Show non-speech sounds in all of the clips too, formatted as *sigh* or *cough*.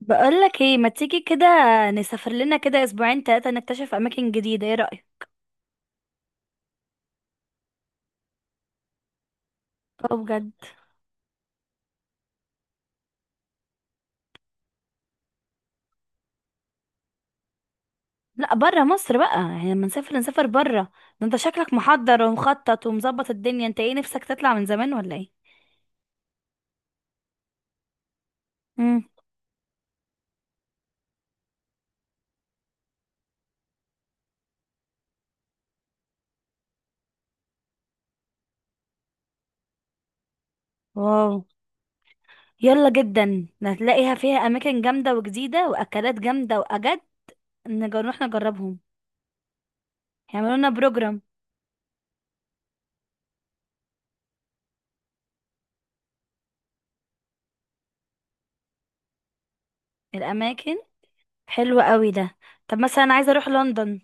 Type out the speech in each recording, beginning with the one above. بقولك ايه؟ ما تيجي كده نسافر لنا كده اسبوعين تلاتة نكتشف اماكن جديدة؟ ايه رأيك؟ اه، بجد. لا برا مصر بقى، يعني لما نسافر نسافر برا. ده انت شكلك محضر ومخطط ومظبط الدنيا، انت ايه نفسك تطلع من زمان ولا ايه؟ امم واو، يلا جدا هتلاقيها فيها اماكن جامدة وجديدة واكلات جامدة واجد. نروح نجربهم. يعملوا لنا بروجرام الاماكن. حلوة قوي ده. طب مثلا عايزة اروح لندن.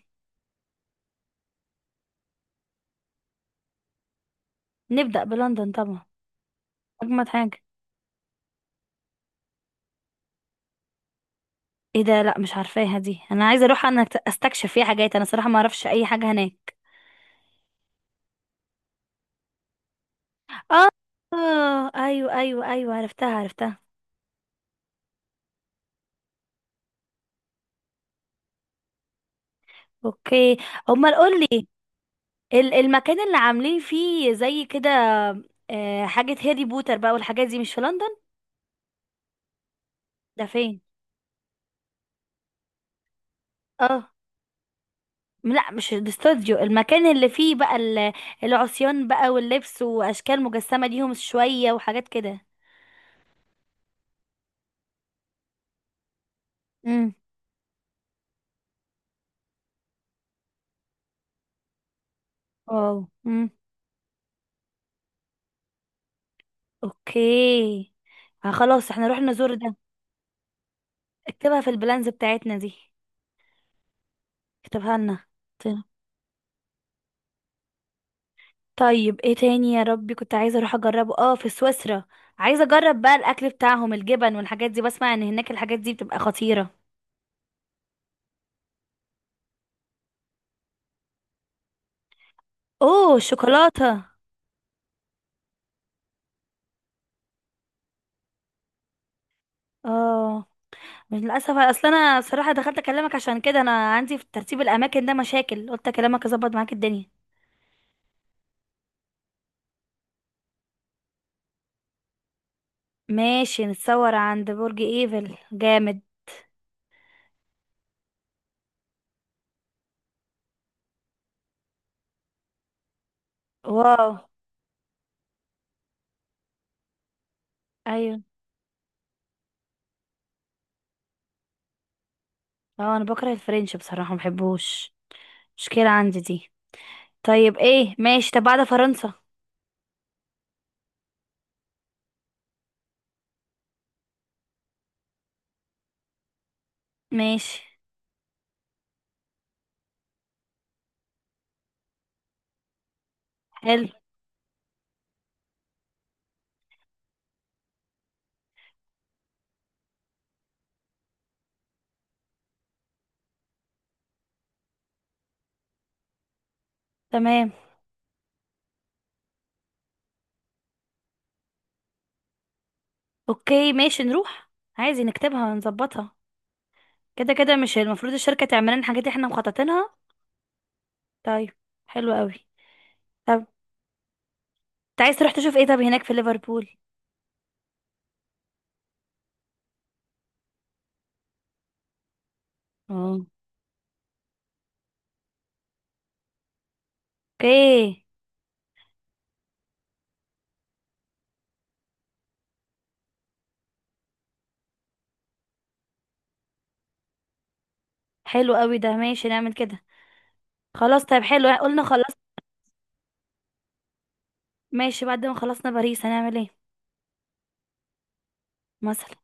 نبدأ بلندن طبعا. اجمد حاجة. ايه ده؟ لا مش عارفاها دي، انا عايزه اروح انا استكشف فيها حاجات، انا صراحه ما اعرفش اي حاجه هناك. اه. ايوه ايوه ايوه، عرفتها عرفتها. اوكي، امال قول لي المكان اللي عاملين فيه زي كده. حاجه هاري بوتر بقى والحاجات دي مش في لندن؟ ده فين؟ اه، لا مش الاستوديو، المكان اللي فيه بقى ال- العصيان بقى واللبس واشكال مجسمه ليهم شويه وحاجات كده. امم واو. امم اوكي. خلاص احنا نروح نزور ده. اكتبها في البلانز بتاعتنا دي، اكتبها لنا. ت-. طيب ايه تاني يا ربي، كنت عايزه اروح اجربه اه في سويسرا. عايزه اجرب بقى الاكل بتاعهم، الجبن والحاجات دي، بسمع ان هناك الحاجات دي بتبقى خطيره. اوه، الشوكولاته. اه، مش للاسف. اصل انا صراحه دخلت اكلمك عشان كده، انا عندي في ترتيب الاماكن ده مشاكل، قلت اكلمك اظبط معاك الدنيا. ماشي، نتصور عند برج ايفل جامد. واو. ايوه. اه انا بكره الفرنش بصراحه، ما بحبوش، مشكله عندي دي. طيب ايه ماشي، طب بعد فرنسا؟ ماشي. حلو. تمام. اوكي ماشي نروح. عايزين نكتبها ونظبطها، كده كده مش المفروض الشركة تعمل لنا حاجات احنا مخططينها؟ طيب. حلو قوي. طب انت عايز تروح تشوف ايه طب هناك في ليفربول؟ اه. اوكي. حلو قوي ده، ماشي نعمل كده. خلاص طيب، حلو، قلنا خلاص. ماشي، بعد ما خلصنا باريس هنعمل ايه مثلا؟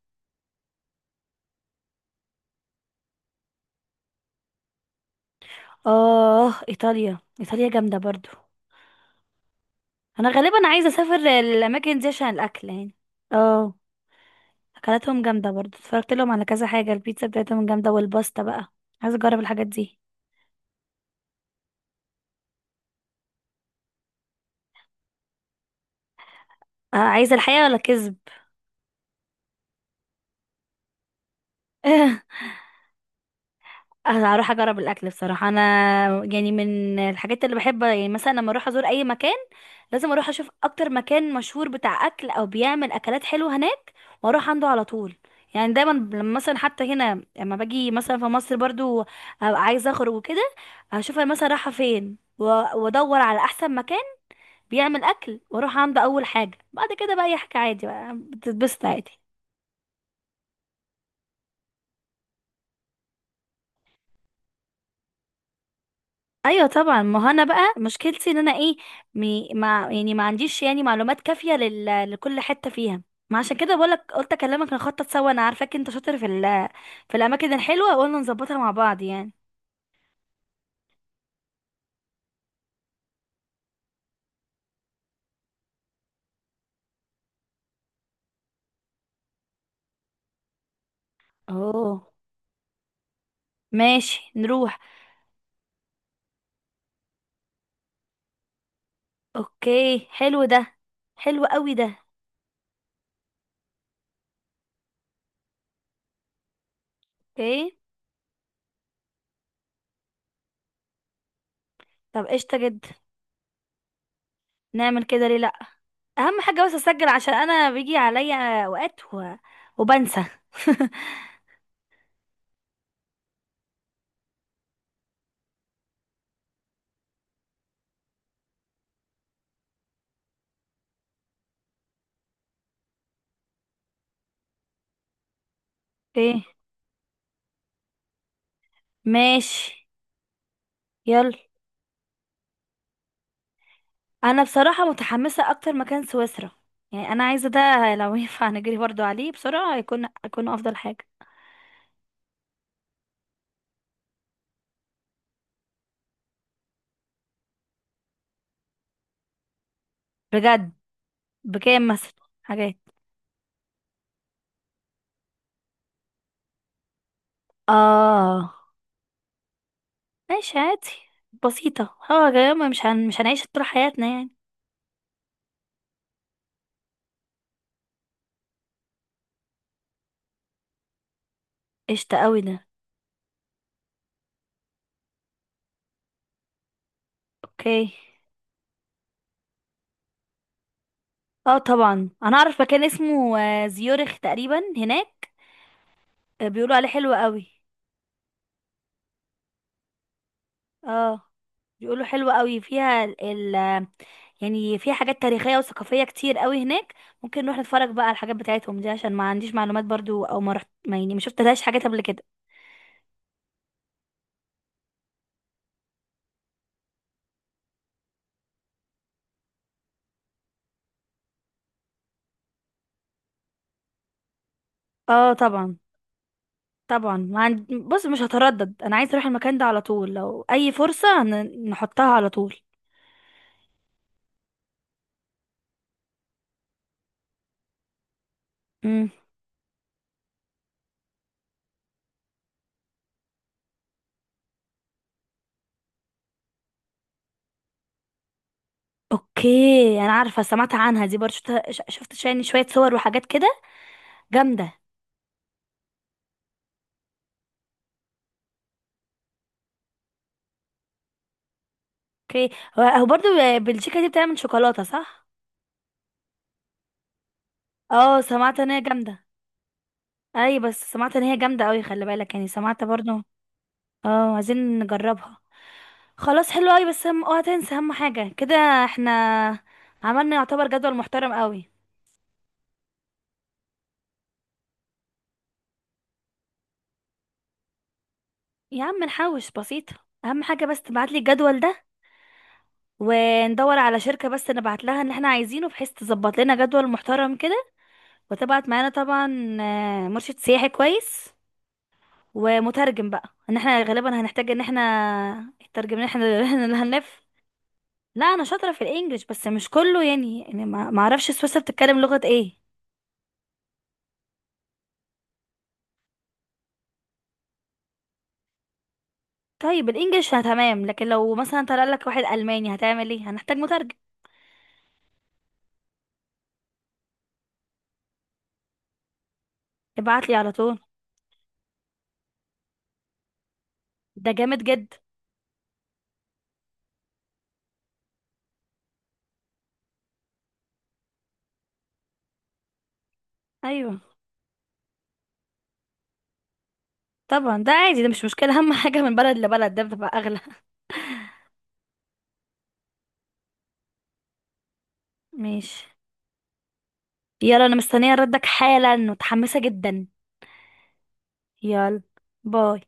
اه، ايطاليا، ايطاليا جامدة برضو. انا غالبا عايزة اسافر الاماكن دي عشان الاكل يعني. اه، اكلاتهم جامده برضه، اتفرجت لهم على كذا حاجه، البيتزا بتاعتهم جامده والباستا بقى. عايزه اجرب الحاجات دي. عايزه الحقيقه ولا كذب. *laughs* أنا هروح اجرب الاكل بصراحه، انا يعني من الحاجات اللي بحب، يعني مثلا لما اروح ازور اي مكان لازم اروح اشوف اكتر مكان مشهور بتاع اكل او بيعمل اكلات حلوه هناك واروح عنده على طول. يعني دايما لما مثلا حتى هنا لما باجي مثلا في مصر برضو، أبقى عايزه اخرج وكده، اشوف انا مثلا رايحه فين وادور على احسن مكان بيعمل اكل واروح عامله اول حاجه، بعد كده بقى يحكي عادي بقى، بتتبسط عادي. ايوه طبعا، ما هو انا بقى مشكلتي ان انا ايه، مي مع يعني ما عنديش يعني معلومات كافيه لل... لكل حته فيها، ما عشان كده بقولك، قلت اكلمك نخطط سوا، انا عارفاك انت شاطر في ال... في الاماكن الحلوه، قلنا نظبطها مع بعض يعني. اوه. ماشي نروح. اوكي، حلو ده. حلو قوي ده. اوكي. طب قشطه جدا، نعمل كده ليه لا. اهم حاجه بس اسجل، عشان انا بيجي عليا اوقات و... وبنسى. *laughs* ايه. ماشي. يلا. انا بصراحه متحمسه اكتر مكان سويسرا، يعني انا عايزه ده لو *laughs* ينفع نجري برضو عليه بسرعه يكون افضل حاجه. بجد؟ بكام مثلا حاجات؟ اه، ماشي عادي، بسيطه. اه يا جماعة، مش هنعيش طول حياتنا يعني. قشطه قوي ده. اوكي. اه طبعا، انا اعرف مكان اسمه زيورخ تقريبا هناك. بيقولوا عليه حلو قوي. اه، بيقولوا حلوة قوي فيها ال ال- يعني فيها حاجات تاريخية وثقافية كتير قوي هناك، ممكن نروح نتفرج بقى على الحاجات بتاعتهم دي، عشان ما عنديش معلومات برضو او ما رحت، ما يعني ما شفتلهاش حاجات قبل كده. اه طبعا. طبعا، ما عند... بص مش هتردد، انا عايز اروح المكان ده على طول، لو اي فرصة نحطها على طول. امم. اوكي انا عارفة، سمعت عنها دي برضو، شفت شفت يعني شوية صور وحاجات كده جامدة. اوكي، هو هو برضو بلجيكا دي بتعمل شوكولاتة صح؟ اه سمعت ان هي جامدة. اي بس سمعت ان هي جامده قوي، خلي بالك، يعني سمعت برضو. اه عايزين نجربها. خلاص حلو قوي، بس هم اوعى تنسى اهم حاجه كده، احنا عملنا يعتبر جدول محترم قوي. يا عم نحوش، بسيطه. اهم حاجه بس تبعت لي الجدول ده، وندور على شركه، بس نبعت لها اللي احنا عايزينه بحيث تظبط لنا جدول محترم كده، وتبعت معانا طبعا مرشد سياحي كويس، ومترجم بقى، ان احنا غالبا هنحتاج ان احنا الترجمة، ان احنا *laughs* اللي هنلف. لا انا شاطره في الانجليش، بس مش كله يعني، يعني ما اعرفش سويسرا بتتكلم لغه ايه. طيب الانجليش انا تمام، لكن لو مثلا طلع لك واحد الماني هتعمل ايه؟ هنحتاج مترجم. ابعت لي على طول. ده جامد جدا. ايوه طبعا، ده عادي، ده مش مشكله، اهم حاجه من بلد لبلد ده بتبقى اغلى. *laughs* ماشي. يلا انا مستنيه ردك حالا، متحمسه جدا. يلا. باي.